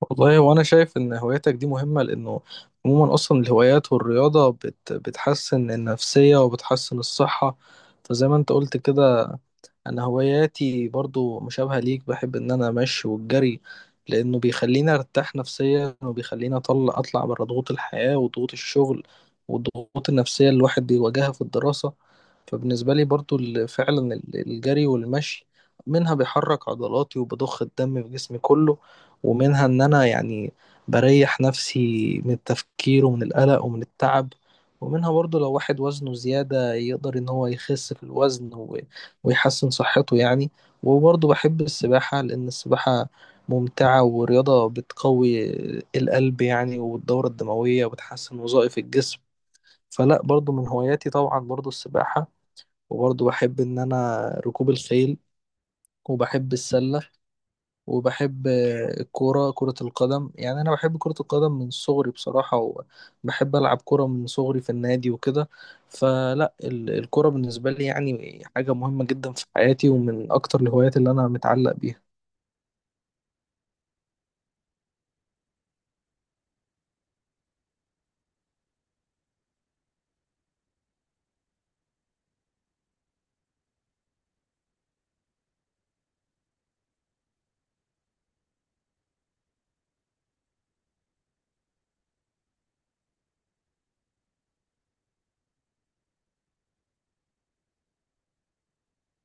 والله وانا شايف ان هواياتك دي مهمة لانه عموما اصلا الهوايات والرياضة بتحسن النفسية وبتحسن الصحة. فزي ما انت قلت كده، انا هواياتي برضو مشابهة ليك. بحب ان انا امشي والجري لانه بيخليني ارتاح نفسيا وبيخليني اطلع بره ضغوط الحياة وضغوط الشغل والضغوط النفسية اللي الواحد بيواجهها في الدراسة. فبالنسبة لي برضو الجري والمشي منها بيحرك عضلاتي وبضخ الدم في جسمي كله، ومنها ان انا يعني بريح نفسي من التفكير ومن القلق ومن التعب، ومنها برضو لو واحد وزنه زيادة يقدر ان هو يخس في الوزن ويحسن صحته يعني. وبرضه بحب السباحة لأن السباحة ممتعة ورياضة بتقوي القلب يعني والدورة الدموية وبتحسن وظائف الجسم. فلا برضه من هواياتي طبعا برضه السباحة، وبرضه بحب إن أنا ركوب الخيل، وبحب السلة، وبحب الكورة، كرة القدم. يعني أنا بحب كرة القدم من صغري بصراحة، وبحب ألعب كرة من صغري في النادي وكده. فلا الكرة بالنسبة لي يعني حاجة مهمة جدا في حياتي ومن أكتر الهوايات اللي أنا متعلق بيها.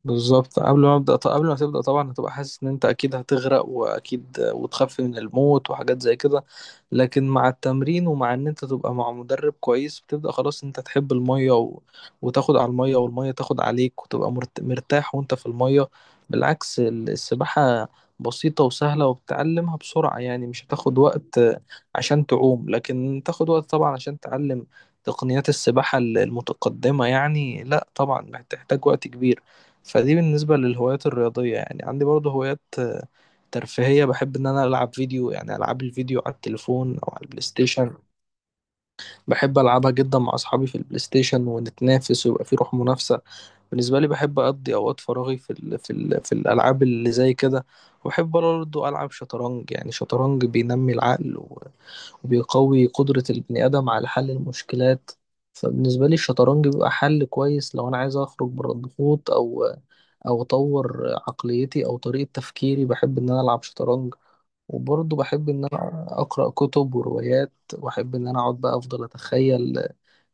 بالظبط قبل ما ابدا، قبل ما تبدا طبعا هتبقى حاسس ان انت اكيد هتغرق واكيد وتخاف من الموت وحاجات زي كده، لكن مع التمرين ومع ان انت تبقى مع مدرب كويس بتبدا خلاص انت تحب الميه وتاخد على الميه والميه تاخد عليك وتبقى مرتاح وانت في الميه. بالعكس السباحه بسيطه وسهله وبتتعلمها بسرعه، يعني مش هتاخد وقت عشان تعوم، لكن تاخد وقت طبعا عشان تعلم تقنيات السباحه المتقدمه. يعني لا طبعا بتحتاج وقت كبير. فدي بالنسبة للهوايات الرياضية. يعني عندي برضه هوايات ترفيهية. بحب إن أنا ألعب فيديو، يعني ألعاب الفيديو على التليفون أو على البلاي ستيشن. بحب ألعبها جدا مع أصحابي في البلاي ستيشن ونتنافس ويبقى في روح منافسة. بالنسبة لي بحب أقضي أوقات فراغي في الألعاب اللي زي كده. وبحب برضه ألعب شطرنج. يعني شطرنج بينمي العقل وبيقوي قدرة البني آدم على حل المشكلات. فبالنسبة لي الشطرنج بيبقى حل كويس لو أنا عايز أخرج بره الضغوط، أو او اطور عقليتي او طريقة تفكيري بحب ان انا العب شطرنج. وبرضه بحب ان انا اقرا كتب وروايات، واحب ان انا اقعد بقى افضل اتخيل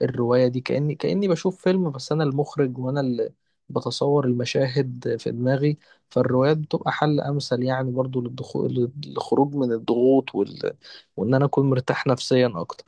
الرواية دي كاني بشوف فيلم، بس انا المخرج وانا اللي بتصور المشاهد في دماغي. فالروايات بتبقى حل امثل يعني برضه للخروج من الضغوط وان انا اكون مرتاح نفسيا اكتر.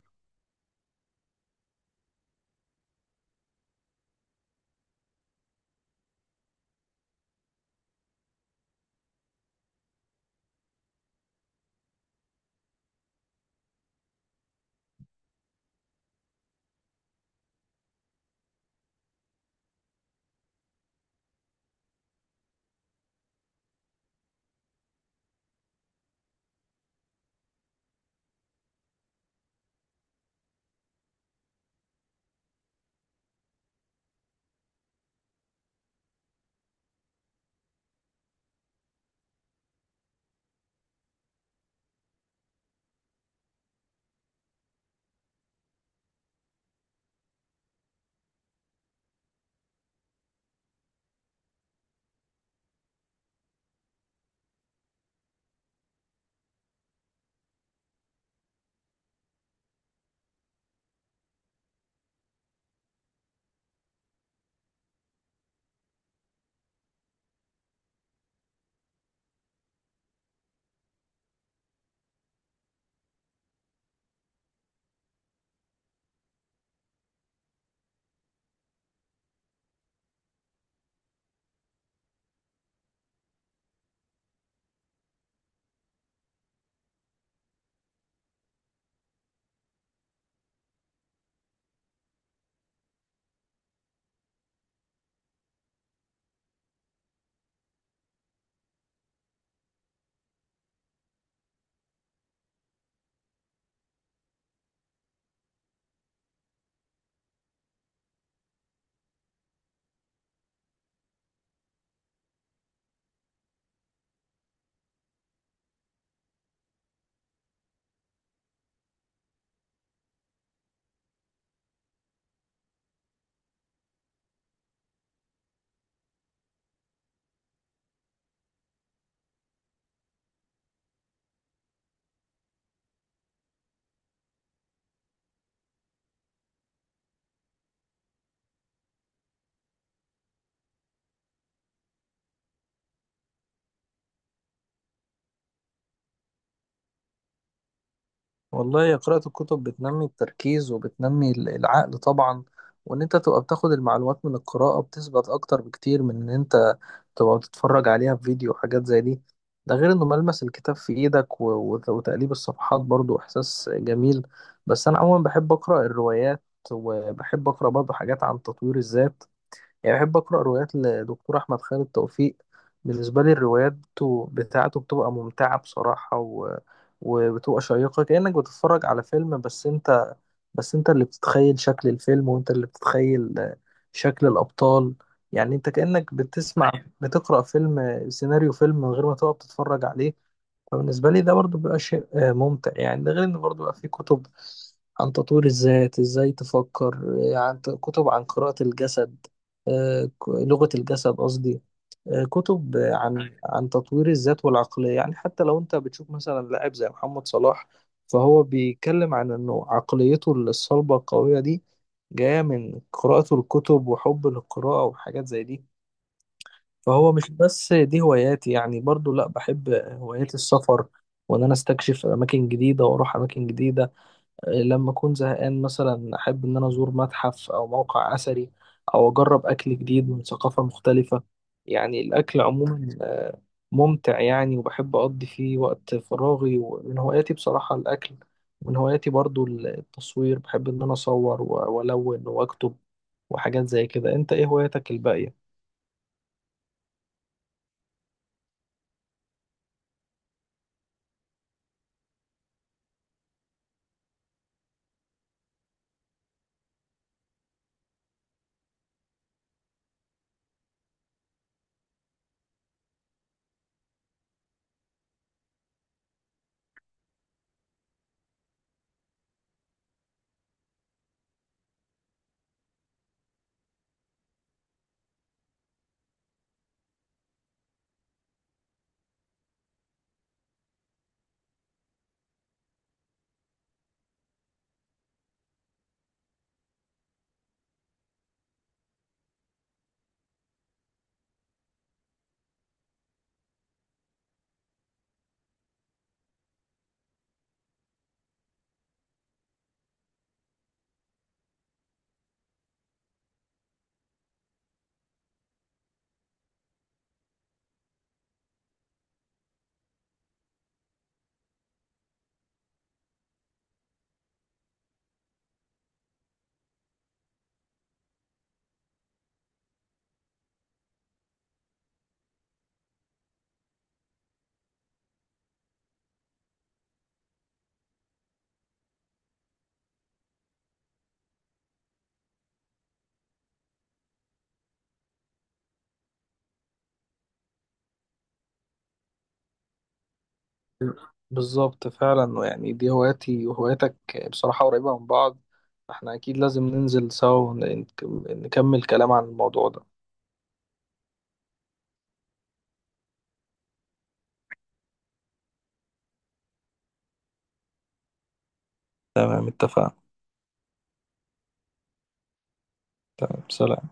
والله يا، قراءة الكتب بتنمي التركيز وبتنمي العقل طبعا، وان انت تبقى بتاخد المعلومات من القراءة بتثبت اكتر بكتير من ان انت تبقى بتتفرج عليها في فيديو وحاجات زي دي. ده غير انه ملمس الكتاب في ايدك وتقليب الصفحات برضو احساس جميل. بس انا عموما بحب اقرأ الروايات، وبحب اقرأ برضو حاجات عن تطوير الذات. يعني بحب أقرأ روايات لدكتور أحمد خالد توفيق. بالنسبة لي الروايات بتاعته بتبقى ممتعة بصراحة وبتبقى شيقة كأنك بتتفرج على فيلم، بس أنت اللي بتتخيل شكل الفيلم وأنت اللي بتتخيل شكل الأبطال. يعني أنت كأنك بتسمع، بتقرأ فيلم، سيناريو فيلم من غير ما تقعد تتفرج عليه. فبالنسبة لي ده برضو بيبقى شيء ممتع يعني. ده غير إن برضو بيبقى فيه كتب عن تطوير الذات إزاي تفكر، كتب عن قراءة الجسد، لغة الجسد قصدي. كتب عن تطوير الذات والعقلية، يعني حتى لو أنت بتشوف مثلا لاعب زي محمد صلاح، فهو بيتكلم عن إنه عقليته الصلبة القوية دي جاية من قراءته الكتب وحب للقراءة وحاجات زي دي. فهو مش بس دي هواياتي، يعني برضو لا، بحب هوايات السفر وان انا استكشف اماكن جديده واروح اماكن جديده. لما اكون زهقان مثلا احب ان انا ازور متحف او موقع اثري، او اجرب اكل جديد من ثقافه مختلفه. يعني الاكل عموما ممتع يعني، وبحب اقضي فيه وقت فراغي، ومن هواياتي بصراحه الاكل. من هواياتي برضو التصوير، بحب ان انا اصور والون واكتب وحاجات زي كده. انت ايه هواياتك الباقيه؟ بالظبط، فعلا يعني دي هواياتي وهواياتك بصراحة قريبة من بعض. احنا أكيد لازم ننزل سوا ونكمل كلام عن الموضوع ده. تمام اتفقنا. تمام، سلام.